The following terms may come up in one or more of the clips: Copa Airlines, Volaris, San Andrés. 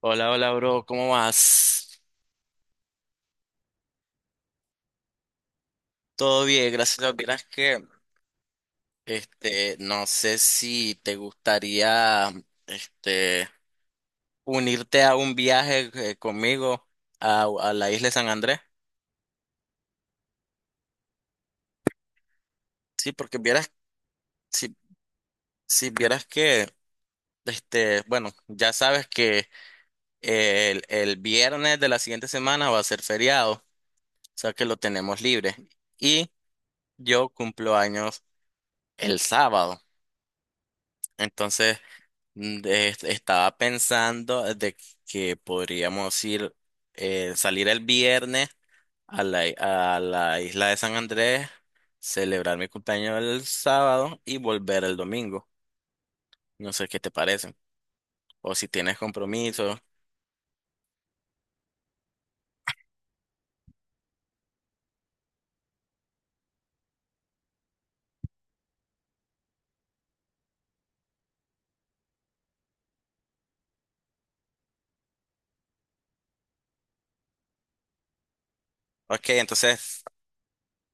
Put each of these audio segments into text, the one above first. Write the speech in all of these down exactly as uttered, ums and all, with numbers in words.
Hola, hola, bro, ¿cómo vas? Todo bien, gracias. Lo que pasa que, este, no sé si te gustaría, este, unirte a un viaje eh, conmigo a, a la isla de San Andrés. Sí, porque vieras, si, si vieras que, este, bueno, ya sabes que el, el viernes de la siguiente semana va a ser feriado, o sea que lo tenemos libre. Y yo cumplo años el sábado, entonces. Mm, es- Estaba pensando de que podríamos ir, eh, salir el viernes a la, i- a la isla de San Andrés, celebrar mi cumpleaños el sábado y volver el domingo. No sé qué te parece. O si tienes compromiso. Ok, entonces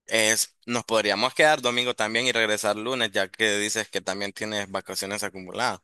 es, nos podríamos quedar domingo también y regresar lunes, ya que dices que también tienes vacaciones acumuladas.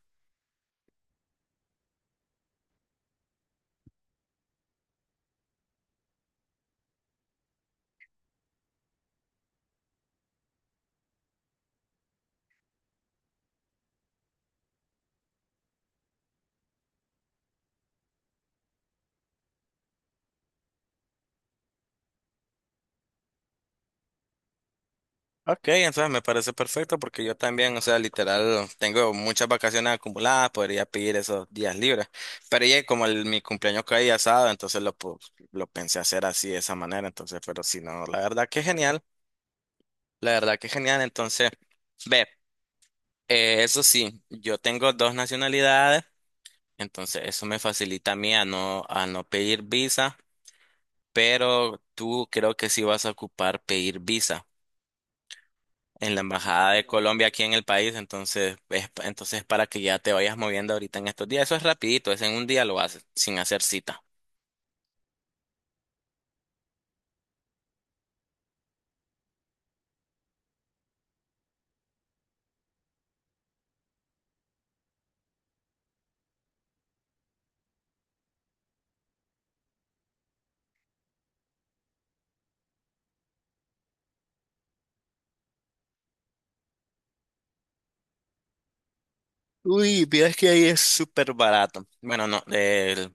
Ok, entonces me parece perfecto porque yo también, o sea, literal, tengo muchas vacaciones acumuladas, podría pedir esos días libres. Pero ya como el- mi cumpleaños caía sábado, entonces lo, pu- lo pensé hacer así, de esa manera. Entonces, pero si no, la verdad que genial, la verdad que genial. Entonces, ve, eh, eso sí, yo tengo dos nacionalidades, entonces eso me facilita a mí a no, a no pedir visa, pero tú creo que sí vas a ocupar pedir visa. En la embajada de Colombia aquí en el país, entonces es, entonces para que ya te vayas moviendo ahorita en estos días, eso es rapidito, es en un día lo haces sin hacer cita. Uy, es que ahí es súper barato. Bueno, no, el-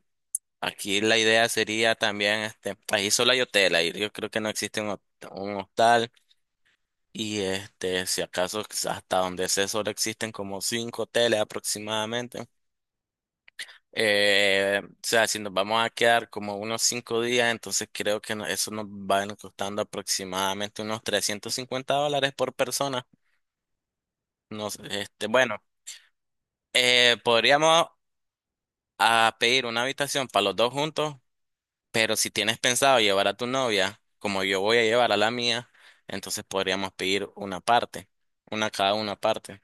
aquí la idea sería también, este, ahí solo hay hotel, ahí yo creo que no existe un, hot- un hostal. Y este, si acaso hasta donde sé, solo existen como cinco hoteles aproximadamente. Eh, o sea, si nos vamos a quedar como unos cinco días, entonces creo que no- eso nos va a ir costando aproximadamente unos trescientos cincuenta dólares por persona. Nos, este, bueno, eh, podríamos ah, pedir una habitación para los dos juntos, pero si tienes pensado llevar a tu novia, como yo voy a llevar a la mía, entonces podríamos pedir una parte, una cada una parte.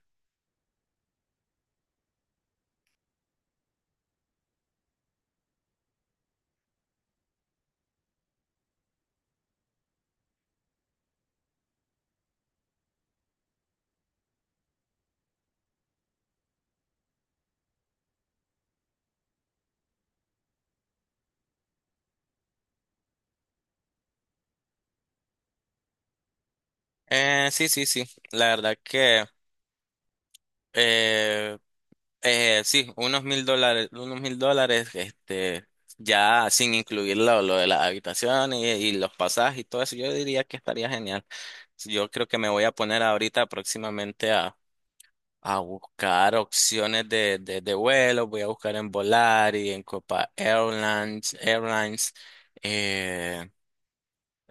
Eh, sí, sí, sí. La verdad que eh, eh, sí, unos mil dólares, unos mil dólares, este, ya sin incluir lo, lo de la habitación y, y los pasajes y todo eso, yo diría que estaría genial. Yo creo que me voy a poner ahorita próximamente a, a buscar opciones de, de, de vuelo. Voy a buscar en Volaris, en Copa Airlines, Airlines. eh,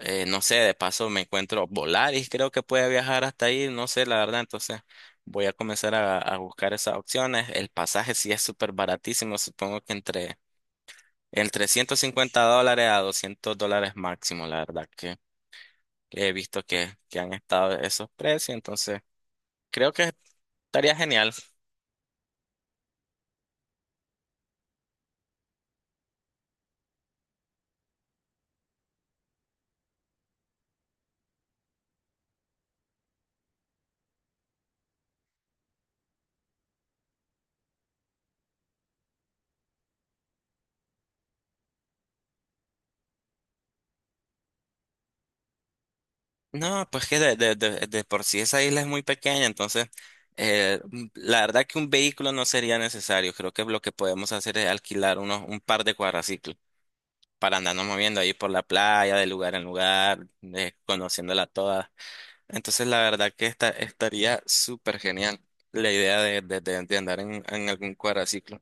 Eh, no sé, de paso me encuentro Volaris, creo que puede viajar hasta ahí, no sé, la verdad, entonces voy a comenzar a, a buscar esas opciones. El pasaje sí es súper baratísimo, supongo que entre, entre ciento cincuenta dólares a doscientos dólares máximo, la verdad que he visto que, que han estado esos precios, entonces creo que estaría genial. No, pues que de, de, de, de por sí esa isla es muy pequeña, entonces eh, m- la verdad que un vehículo no sería necesario, creo que lo que podemos hacer es alquilar unos, un par de cuadraciclos para andarnos moviendo ahí por la playa, de lugar en lugar, de- conociéndola toda. Entonces, la verdad que esta, estaría súper genial la idea de, de, de- de andar en, en algún cuadraciclo.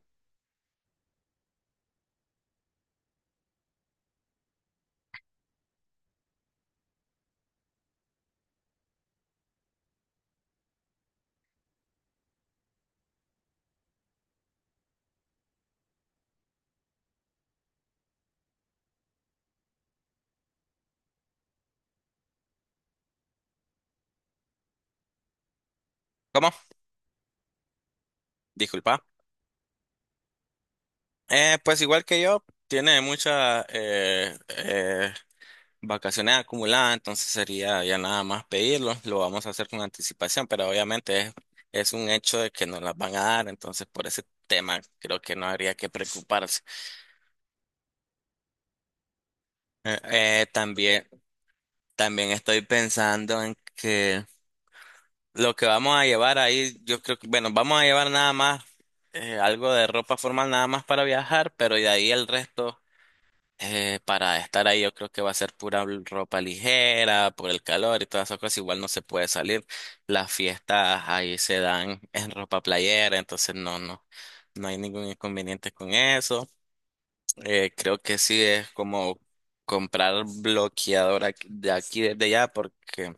¿Cómo? Disculpa. Eh, pues igual que yo, tiene muchas eh, eh, vacaciones acumuladas, entonces sería ya nada más pedirlo. Lo vamos a hacer con anticipación, pero obviamente es, es un hecho de que nos las van a dar, entonces por ese tema creo que no habría que preocuparse. Eh, eh, También. También estoy pensando en que lo que vamos a llevar ahí, yo creo que, bueno, vamos a llevar nada más eh, algo de ropa formal nada más para viajar, pero de ahí el resto eh, para estar ahí yo creo que va a ser pura l- ropa ligera por el calor y todas esas cosas. Igual no se puede salir. Las fiestas ahí se dan en ropa playera, entonces no, no, no hay ningún inconveniente con eso. Eh, creo que sí es como comprar bloqueador aquí- de aquí desde allá porque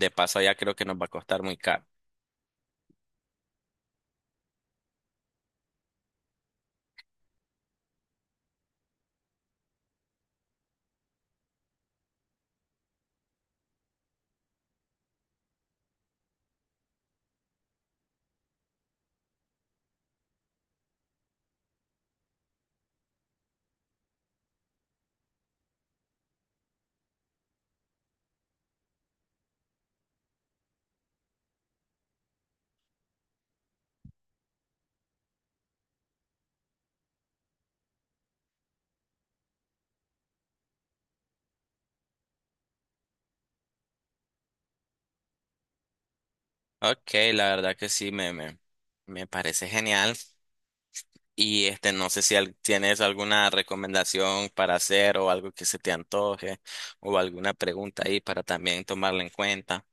de paso, allá creo que nos va a costar muy caro. Ok, la verdad que sí, me, me, me parece genial. Y este, no sé si al- tienes alguna recomendación para hacer o algo que se te antoje o alguna pregunta ahí para también tomarla en cuenta.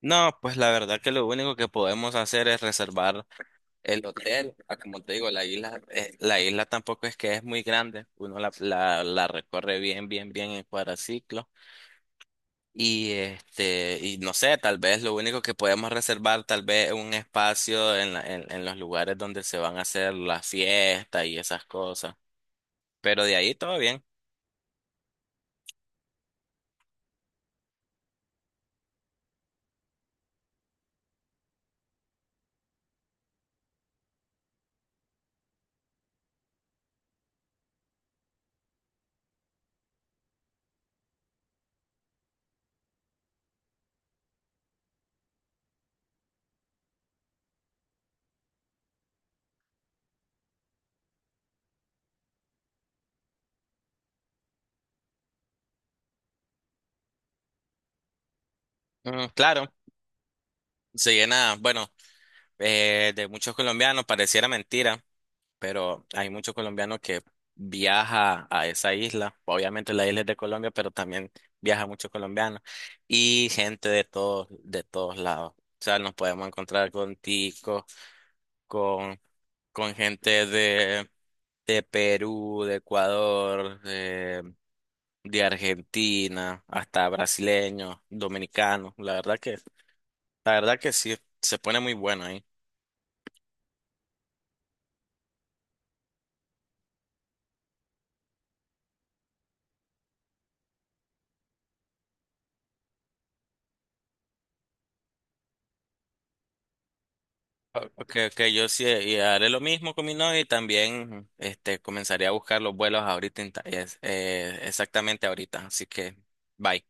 No, pues la verdad que lo único que podemos hacer es reservar el hotel. Ah, Como te digo, la isla, eh, la isla tampoco es que es muy grande. Uno la, la, la recorre bien, bien, bien en cuadraciclo. Y este, y no sé, tal vez lo único que podemos reservar, tal vez un espacio en, la- en, en los lugares donde se van a hacer las fiestas y esas cosas. Pero de ahí todo bien. Mm, claro, se llena, bueno, eh, de muchos colombianos, pareciera mentira, pero hay muchos colombianos que viaja a esa isla. Obviamente la isla es de Colombia, pero también viaja muchos colombianos y gente de todos, de todos lados. O sea, nos podemos encontrar con ticos, con con gente de, de Perú, de Ecuador, de, de Argentina, hasta brasileños, dominicanos. La verdad que, la verdad que sí, se pone muy bueno ahí. Okay, okay. Yo sí y haré lo mismo con mi novia y también este, comenzaré a buscar los vuelos ahorita, en ta- es- eh, exactamente ahorita. Así que, bye.